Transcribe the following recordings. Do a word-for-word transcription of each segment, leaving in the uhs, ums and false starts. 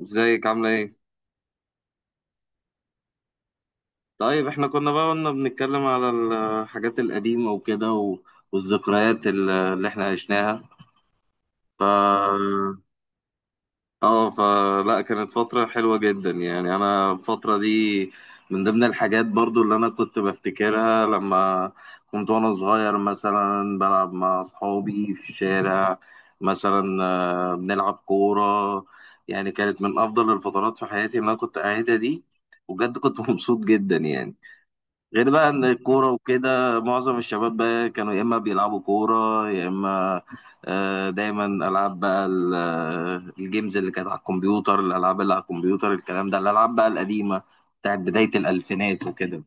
ازيك عاملة ايه؟ طيب احنا كنا بقى قلنا بنتكلم على الحاجات القديمة وكده و- والذكريات ال- اللي احنا عشناها. ف اه فلا كانت فترة حلوة جدا، يعني انا الفترة دي من ضمن الحاجات برضو اللي انا كنت بفتكرها لما كنت وانا صغير مثلا بلعب مع اصحابي في الشارع. مثلا آه، بنلعب كورة، يعني كانت من افضل الفترات في حياتي اللي انا كنت قاعدها دي. وبجد كنت مبسوط جدا يعني. غير بقى ان الكوره وكده معظم الشباب بقى كانوا يا اما بيلعبوا كوره يا اما آه، دايما العاب بقى ال- آه، الجيمز اللي كانت على الكمبيوتر، الالعاب اللي على الكمبيوتر الكلام ده، الالعاب بقى القديمه بتاعت بدايه الالفينات وكده.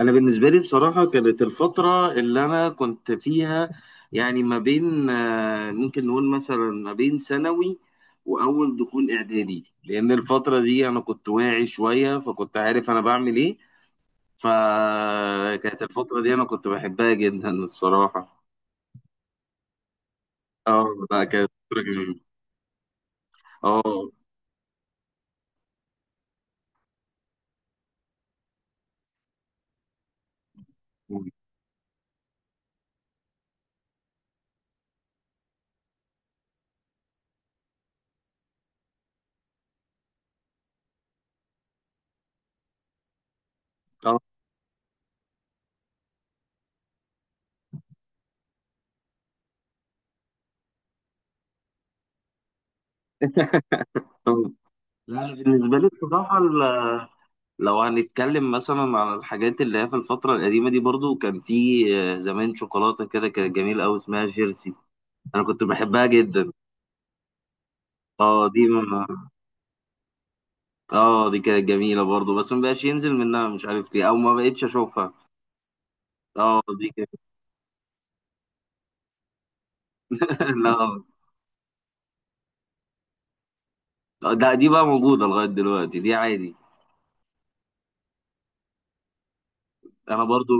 انا بالنسبه لي بصراحه كانت الفتره اللي انا كنت فيها، يعني ما بين آه، ممكن نقول مثلا ما بين ثانوي واول دخول اعدادي، لان الفتره دي انا كنت واعي شويه فكنت عارف انا بعمل ايه. فكانت الفترة دي أنا كنت بحبها جدا الصراحة. اه، لا كانت فترة جميلة. اه. اه. لا أنا بالنسبة لي الصراحة، ال- لو هنتكلم مثلا عن الحاجات اللي هي في الفترة القديمة دي، برضو كان في آه، زمان شوكولاتة كده كانت جميلة أوي اسمها جيرسي، أنا كنت بحبها جدا. اه دي ما. اه دي كانت جميلة برضو، بس ما بقاش ينزل منها مش عارف ليه أو ما بقتش أشوفها. اه دي كانت. لا. آه، لا دي بقى موجودة لغاية دلوقتي دي عادي. انا برضو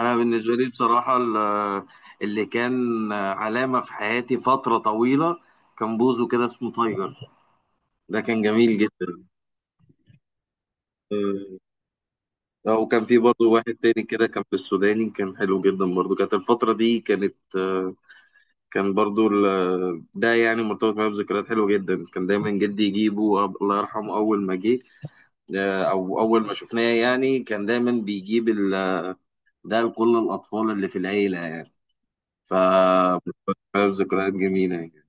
انا بالنسبه لي بصراحه ال- اللي كان علامه في حياتي فتره طويله كان بوزو كده اسمه تايجر. ده كان جميل جدا. آه، آه، وكان في برضو واحد تاني كده كان في السوداني كان حلو جدا برضو، كانت الفتره دي كانت آه، كان برضو ال- ده يعني مرتبط معايا بذكريات حلوه جدا. كان دايما جدي يجيبه، أب- الله يرحمه، اول ما جه آه، او اول ما شفناه يعني. كان دايما بيجيب ال- ده لكل الاطفال اللي في العيله. ف ذكريات جميلة يعني.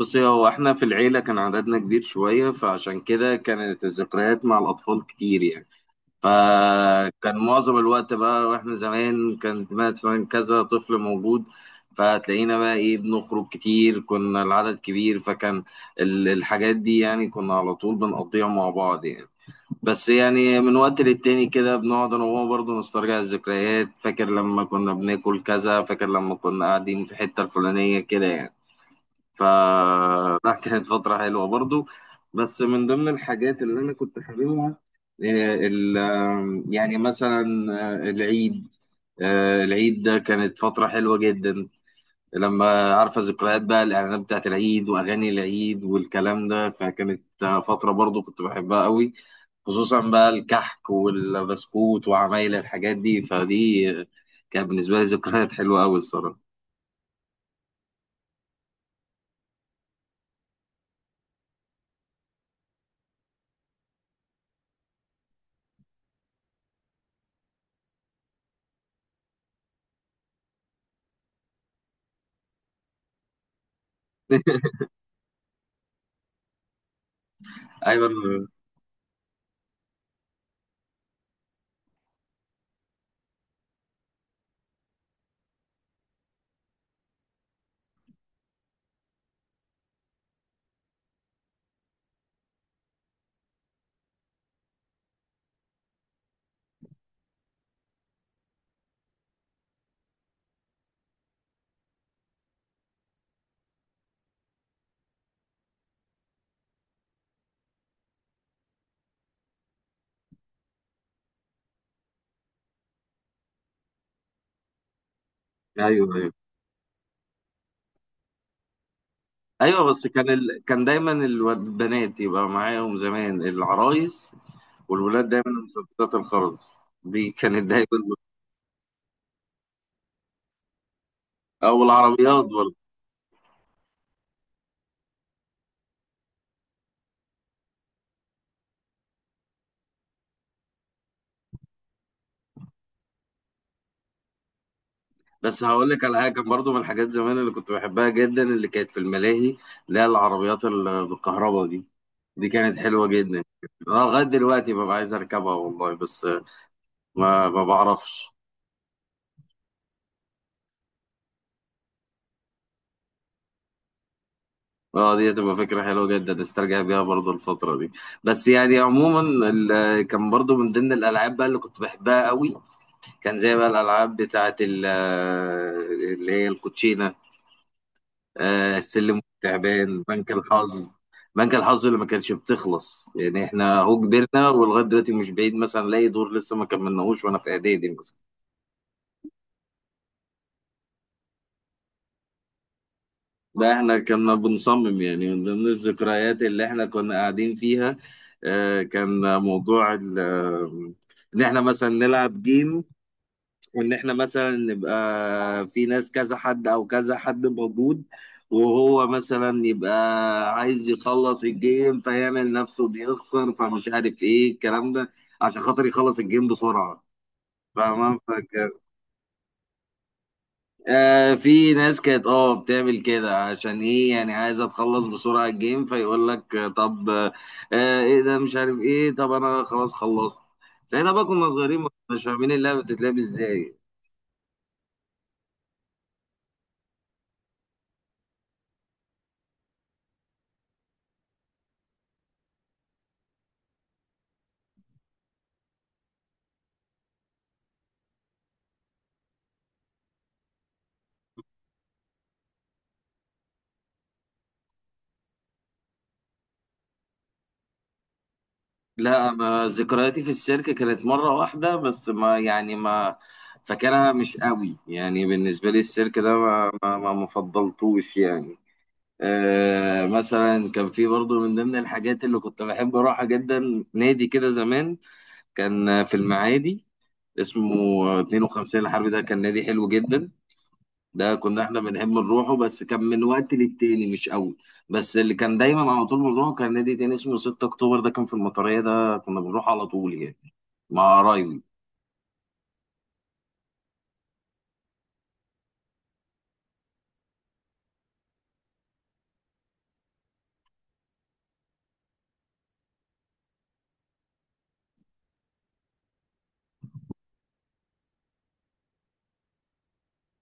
بصي، هو احنا في العيلة كان عددنا كبير شوية فعشان كده كانت الذكريات مع الأطفال كتير يعني. فكان معظم الوقت بقى واحنا زمان كانت مثلا كذا طفل موجود، فتلاقينا بقى ايه بنخرج كتير كنا العدد كبير، فكان ال- الحاجات دي يعني كنا على طول بنقضيها مع بعض يعني. بس يعني من وقت للتاني كده بنقعد انا وهو برضه نسترجع الذكريات، فاكر لما كنا بناكل كذا، فاكر لما كنا قاعدين في الحتة الفلانية كده يعني. ف لا كانت فترة حلوة برضه. بس من ضمن الحاجات اللي انا كنت حاببها آه، ال- آه، يعني مثلا آه، العيد. آه، العيد ده كانت فترة حلوة جدا، لما عارفه ذكريات بقى الاعلانات بتاعت العيد واغاني العيد والكلام ده. فكانت آه، فتره برضو كنت بحبها قوي، خصوصا بقى الكحك والبسكوت وعمايل الحاجات دي. فدي آه، كانت بالنسبه لي ذكريات حلوه قوي الصراحه. ايوه، ايوه. ايوه، ايوه. بس كان ال... كان دايما الواد- البنات يبقى معاهم زمان العرايس، والولاد دايما مسدسات الخرز. دي كانت دايما. او العربيات. بس هقول لك على حاجه، كان برضو من الحاجات زمان اللي كنت بحبها جدا اللي كانت في الملاهي اللي هي العربيات اللي بالكهرباء دي، دي كانت حلوه جدا. اه لغايه دلوقتي ببقى عايز اركبها والله، بس ما ما بعرفش. اه دي هتبقى فكره حلوه جدا استرجع بيها برضو الفتره دي. بس يعني عموما ال- كان برضو من ضمن الالعاب بقى اللي كنت بحبها قوي، كان زي بقى الالعاب بتاعه ال- اللي هي الكوتشينه، آه السلم والتعبان، بنك الحظ. بنك الحظ اللي ما كانتش بتخلص يعني، احنا اهو كبرنا ولغايه دلوقتي مش بعيد مثلا الاقي دور لسه ما كملناهوش وانا في اعدادي مثلا. ده احنا كنا بنصمم يعني من ضمن الذكريات اللي احنا كنا قاعدين فيها، آه كان موضوع ال- آه، ان احنا مثلا نلعب جيم، وان احنا مثلا نبقى في ناس كذا حد او كذا حد موجود، وهو مثلا يبقى عايز يخلص الجيم فيعمل نفسه بيخسر فمش عارف ايه الكلام ده عشان خاطر يخلص الجيم بسرعة. فاهمة، فاكر. آه في ناس كانت اه بتعمل كده عشان ايه، يعني عايزة تخلص بسرعة الجيم، فيقول لك آه، طب آه ايه ده مش عارف ايه، طب انا خلاص خلصت. زي بقى كنا صغيرين مش فاهمين اللعبة بتتلعب ازاي. لا، ما ذكرياتي في السيرك كانت مرة واحدة بس، ما يعني ما فاكرها مش قوي يعني، بالنسبة لي السيرك ده ما ما ما ما فضلتوش يعني. آه مثلا كان في برضو من ضمن الحاجات اللي كنت بحب أروحها جدا نادي كده زمان، كان في المعادي اسمه اتنين وخمسين الحرب، ده كان نادي حلو جدا، ده كنا احنا بنحب نروحه بس كان من وقت للتاني مش قوي. بس اللي كان دايما على طول بنروحه كان نادي تاني اسمه ستة اكتوبر، ده كان في المطرية ده كنا بنروح على طول يعني، مع قرايبي.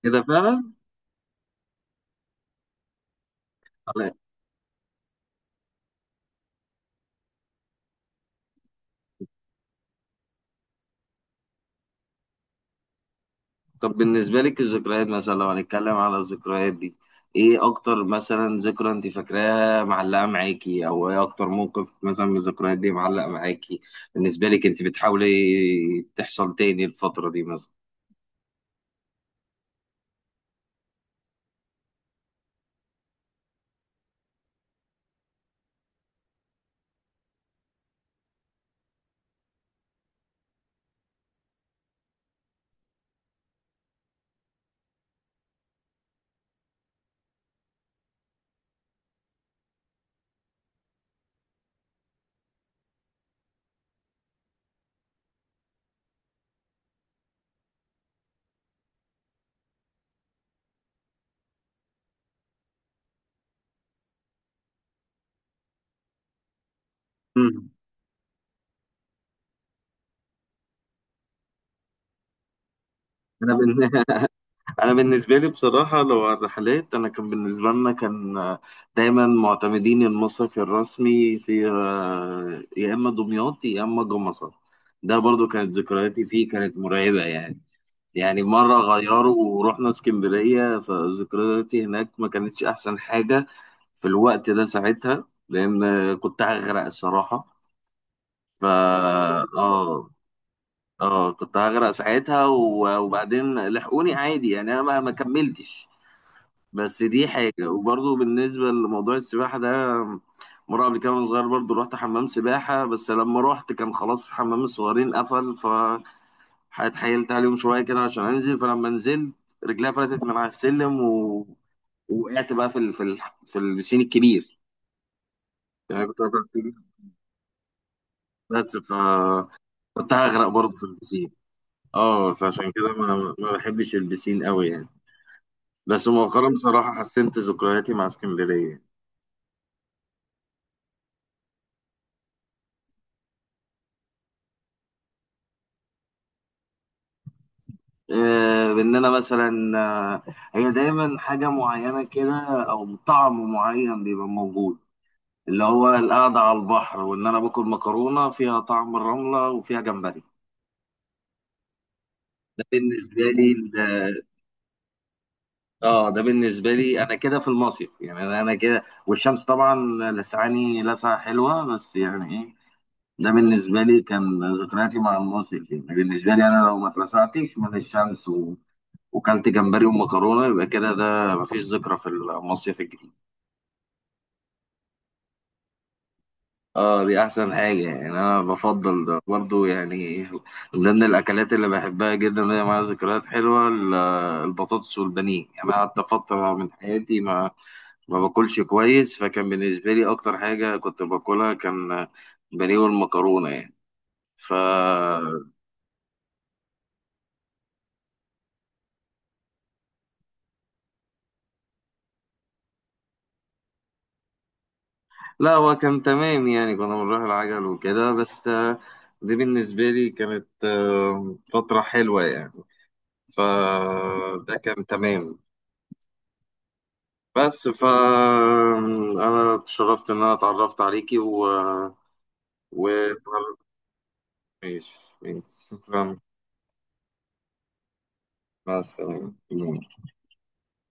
كده فعلا. أنا- طب بالنسبة لك الذكريات مثلا، لو هنتكلم على الذكريات دي، ايه اكتر مثلا ذكرى انت فاكراها معلقة معاكي، او ايه اكتر موقف مثلا من الذكريات دي معلق معاكي بالنسبة لك؟ انت بتحاولي تحصل تاني الفترة دي مثلا؟ مم. انا بن- انا بالنسبه لي بصراحه لو على الرحلات، انا كان بالنسبه لنا كان آه، دايما معتمدين المصيف الرسمي في آه، يا اما دمياط يا اما جمصة. ده برضو كانت ذكرياتي فيه كانت مرعبه يعني. يعني مره غيروا ورحنا اسكندريه فذكرياتي هناك ما كانتش احسن حاجه في الوقت ده ساعتها، لان آه، كنت هغرق الصراحه. ف اه اه كنت هغرق ساعتها، و- وبعدين لحقوني عادي يعني، انا ما ما كملتش. بس دي حاجة. وبرضه بالنسبة لموضوع السباحة ده، مرة قبل كده وأنا صغير برضه رحت حمام سباحة، بس لما رحت كان خلاص حمام الصغيرين قفل، فاتحايلت عليهم شوية كده عشان أنزل. فلما نزلت رجليا فلتت من على السلم، و... وقعت بقى في ال... في ال... في البسين الكبير. يعني كنت واقف في البسين بس، ف كنت هغرق برضه في البسين. اه، فعشان كده ما ما بحبش البسين قوي يعني. بس مؤخرا بصراحة حسنت ذكرياتي مع اسكندرية. آه، باننا مثلا آه، هي دايما حاجه معينه كده، او طعم معين بيبقى موجود، اللي هو القعده على البحر وان انا باكل مكرونه فيها طعم الرمله وفيها جمبري. ده بالنسبه لي ال- اه ده بالنسبه لي انا كده في المصيف يعني، انا أنا كده والشمس طبعا لسعاني لسعه حلوه بس يعني ايه. ده بالنسبه لي كان ذكرياتي مع المصيف يعني، بالنسبه لي انا لو ما اتلسعتش من الشمس و... وكلت جمبري ومكرونه، يبقى كده ده مفيش ذكرى في المصيف الجديد. اه دي احسن حاجة، يعني انا بفضل ده برضو يعني. من ضمن الاكلات اللي بحبها جدا اللي هي معاها ذكريات حلوة ال- البطاطس والبانيه، يعني انا قعدت فترة من حياتي ما ما باكلش كويس، فكان بالنسبة لي اكتر حاجة كنت باكلها كان بانيه والمكرونة يعني. ف لا هو كان تمام يعني، كنا بنروح العجل وكده بس آه، دي بالنسبة لي كانت آه، فترة حلوة يعني، فده كان تمام. بس ف انا اتشرفت ان انا اتعرفت عليكي و و ماشي ماشي، شكرا. مع السلامة.